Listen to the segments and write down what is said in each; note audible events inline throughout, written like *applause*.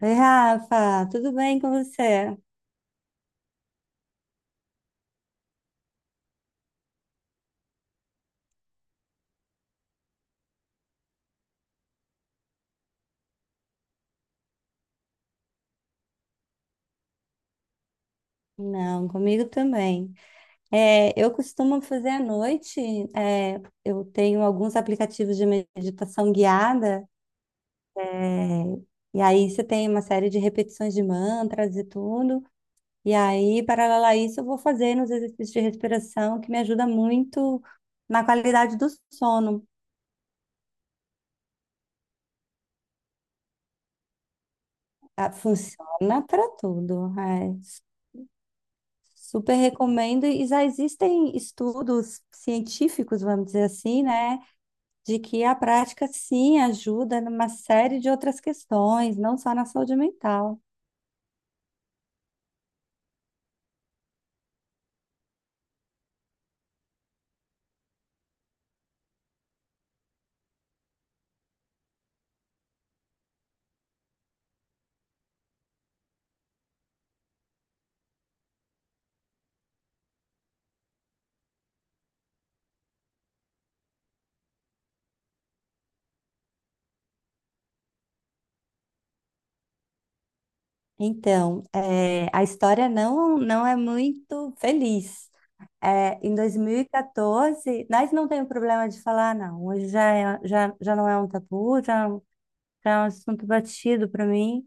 Oi, Rafa, tudo bem com você? Não, comigo também. É, eu costumo fazer à noite, é, eu tenho alguns aplicativos de meditação guiada, é, e aí você tem uma série de repetições de mantras e tudo, e aí, paralelo a isso, eu vou fazendo os exercícios de respiração, que me ajuda muito na qualidade do sono. Ah, funciona para tudo, é. Super recomendo, e já existem estudos científicos, vamos dizer assim, né, de que a prática sim ajuda numa série de outras questões, não só na saúde mental. Então, a história não, não é muito feliz. É, em 2014, nós não temos problema de falar, não. Hoje já, não é um tabu, já é um assunto batido para mim.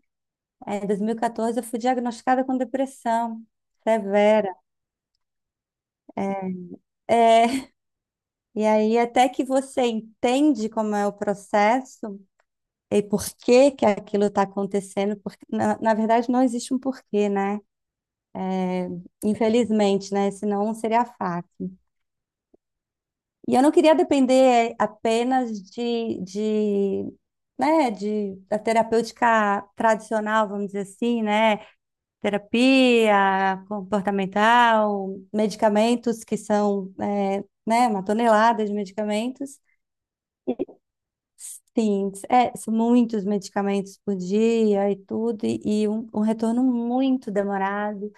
É, em 2014, eu fui diagnosticada com depressão severa. É, e aí, até que você entende como é o processo e por que que aquilo está acontecendo, porque na, na verdade não existe um porquê, né? Infelizmente, né? Senão seria fácil. E eu não queria depender apenas né, da terapêutica tradicional, vamos dizer assim, né? Terapia comportamental, medicamentos que são, é, né, uma tonelada de medicamentos. Sim, é, são muitos medicamentos por dia e tudo, e um retorno muito demorado.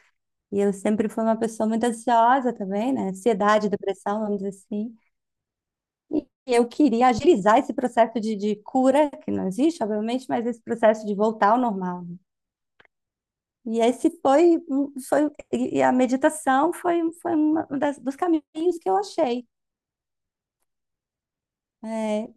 E eu sempre fui uma pessoa muito ansiosa também, né? Ansiedade, depressão, vamos dizer assim. E eu queria agilizar esse processo de cura, que não existe, obviamente, mas esse processo de voltar ao normal, né? E esse foi, e a meditação foi um dos caminhos que eu achei. É,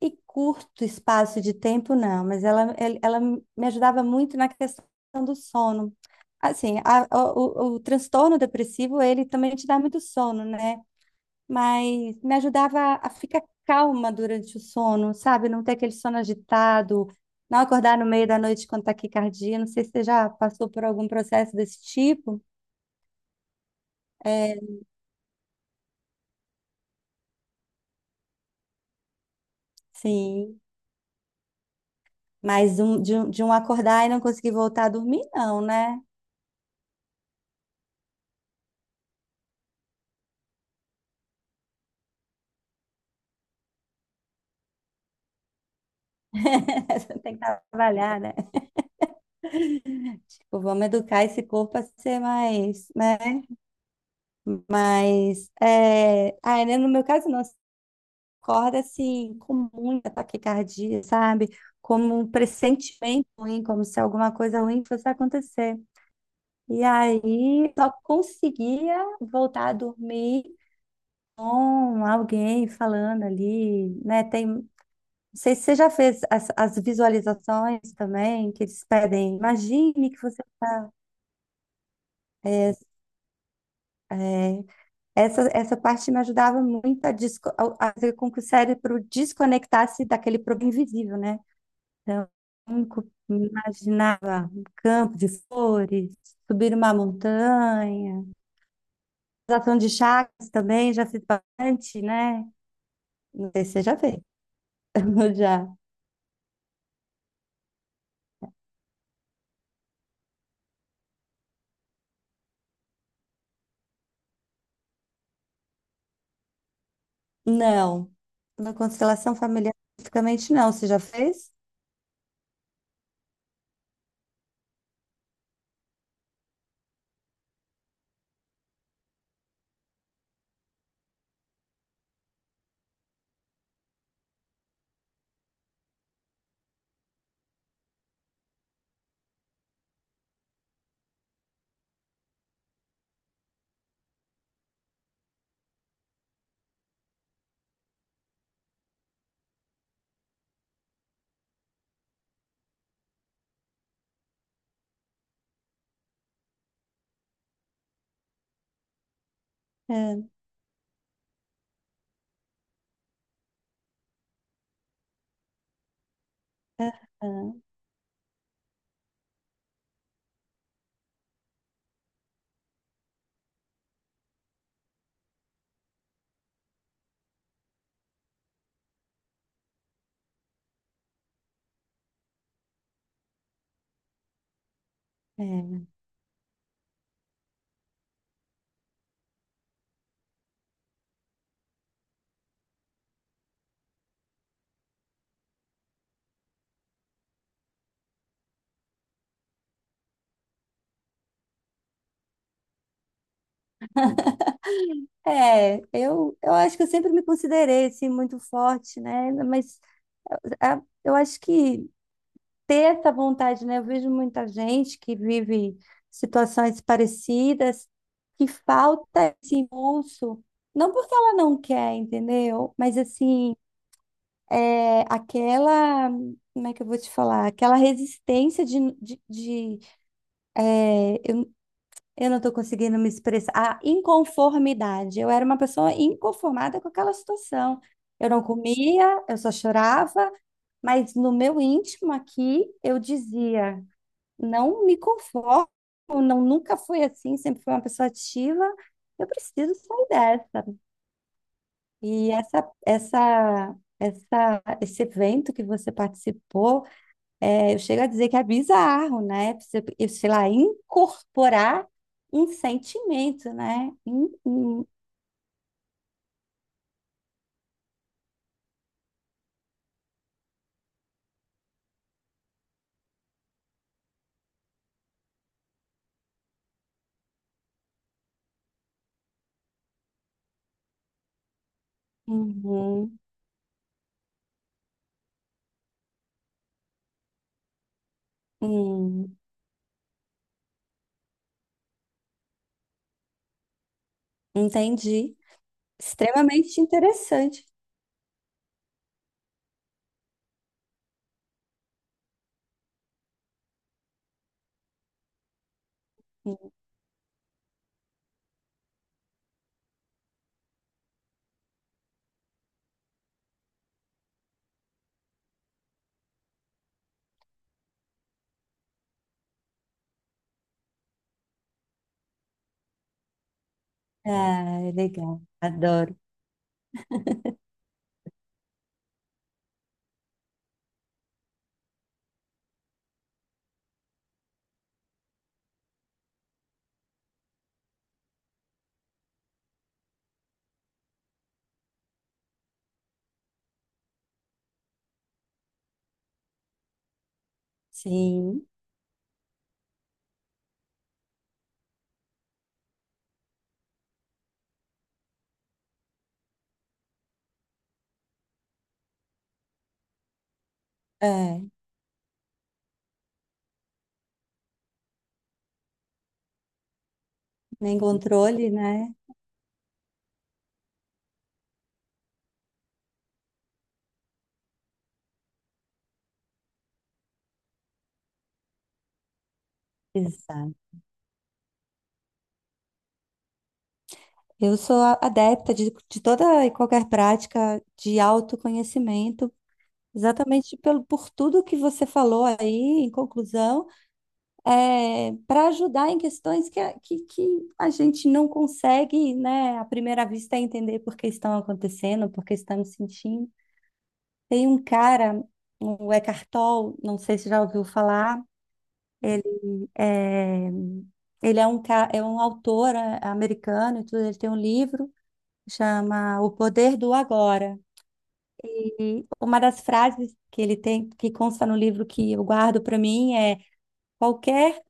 e curto espaço de tempo, não, mas ela, ela me ajudava muito na questão do sono. Assim, o transtorno depressivo, ele também te dá muito sono, né? Mas me ajudava a ficar calma durante o sono, sabe? Não ter aquele sono agitado, não acordar no meio da noite com taquicardia. Não sei se você já passou por algum processo desse tipo. É, sim. Mas de um acordar e não conseguir voltar a dormir, não, né? *laughs* Você tem que trabalhar, né? Tipo, vamos educar esse corpo a ser mais, né? Mas, ah, né, no meu caso, não. Você acorda assim, com muita taquicardia, sabe? Como um pressentimento ruim, como se alguma coisa ruim fosse acontecer. E aí, só conseguia voltar a dormir com alguém falando ali, né? Tem, não sei se você já fez as visualizações também, que eles pedem. Imagine que você está... Essa parte me ajudava muito a fazer com que o cérebro desconectasse daquele problema invisível, né? Então, eu imaginava um campo de flores, subir uma montanha, ação de chakras também, já fiz bastante, né? Não sei se você já fez. *laughs* Já. Não. Na constelação familiar, especificamente, não. Você já fez? É. Aham, é, é, eu acho que eu sempre me considerei assim, muito forte, né? Mas eu acho que ter essa vontade, né? Eu vejo muita gente que vive situações parecidas, que falta esse impulso, não porque ela não quer, entendeu? Mas assim, é aquela, como é que eu vou te falar? Aquela resistência de- eu, eu não estou conseguindo me expressar, a inconformidade. Eu era uma pessoa inconformada com aquela situação. Eu não comia, eu só chorava. Mas no meu íntimo aqui, eu dizia, não me conformo, não, nunca fui assim, sempre fui uma pessoa ativa, eu preciso sair dessa. E esse evento que você participou, é, eu chego a dizer que é bizarro, né? Você, eu sei lá, incorporar um sentimento, né? Uhum. Hum. Entendi. Extremamente interessante. Ah, legal, adoro. Sim, é, nem controle, né? Exato. Eu sou adepta de toda e qualquer prática de autoconhecimento, exatamente pelo, por tudo que você falou aí, em conclusão, é, para ajudar em questões que a gente não consegue, né, à primeira vista, entender por que estão acontecendo, por que estamos sentindo. Tem um cara, o Eckhart Tolle, não sei se já ouviu falar. É, ele é um autor é, americano e tudo, ele tem um livro que chama O Poder do Agora. E uma das frases que ele tem, que consta no livro que eu guardo para mim é: qualquer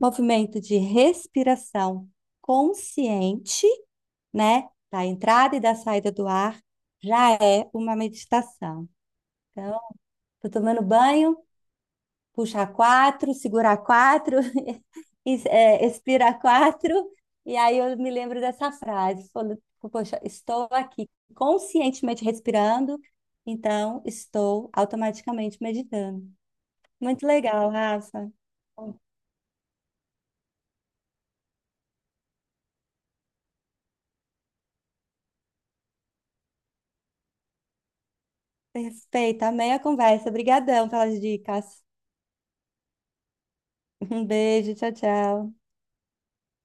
movimento de respiração consciente, né, da entrada e da saída do ar, já é uma meditação. Então, tô tomando banho, puxar quatro, segurar quatro *laughs* e expira *laughs* quatro, e aí eu me lembro dessa frase, quando, poxa, estou aqui conscientemente respirando, então estou automaticamente meditando. Muito legal, Rafa. Perfeito, amei a conversa. Obrigadão pelas dicas. *laughs* Um beijo, tchau, tchau.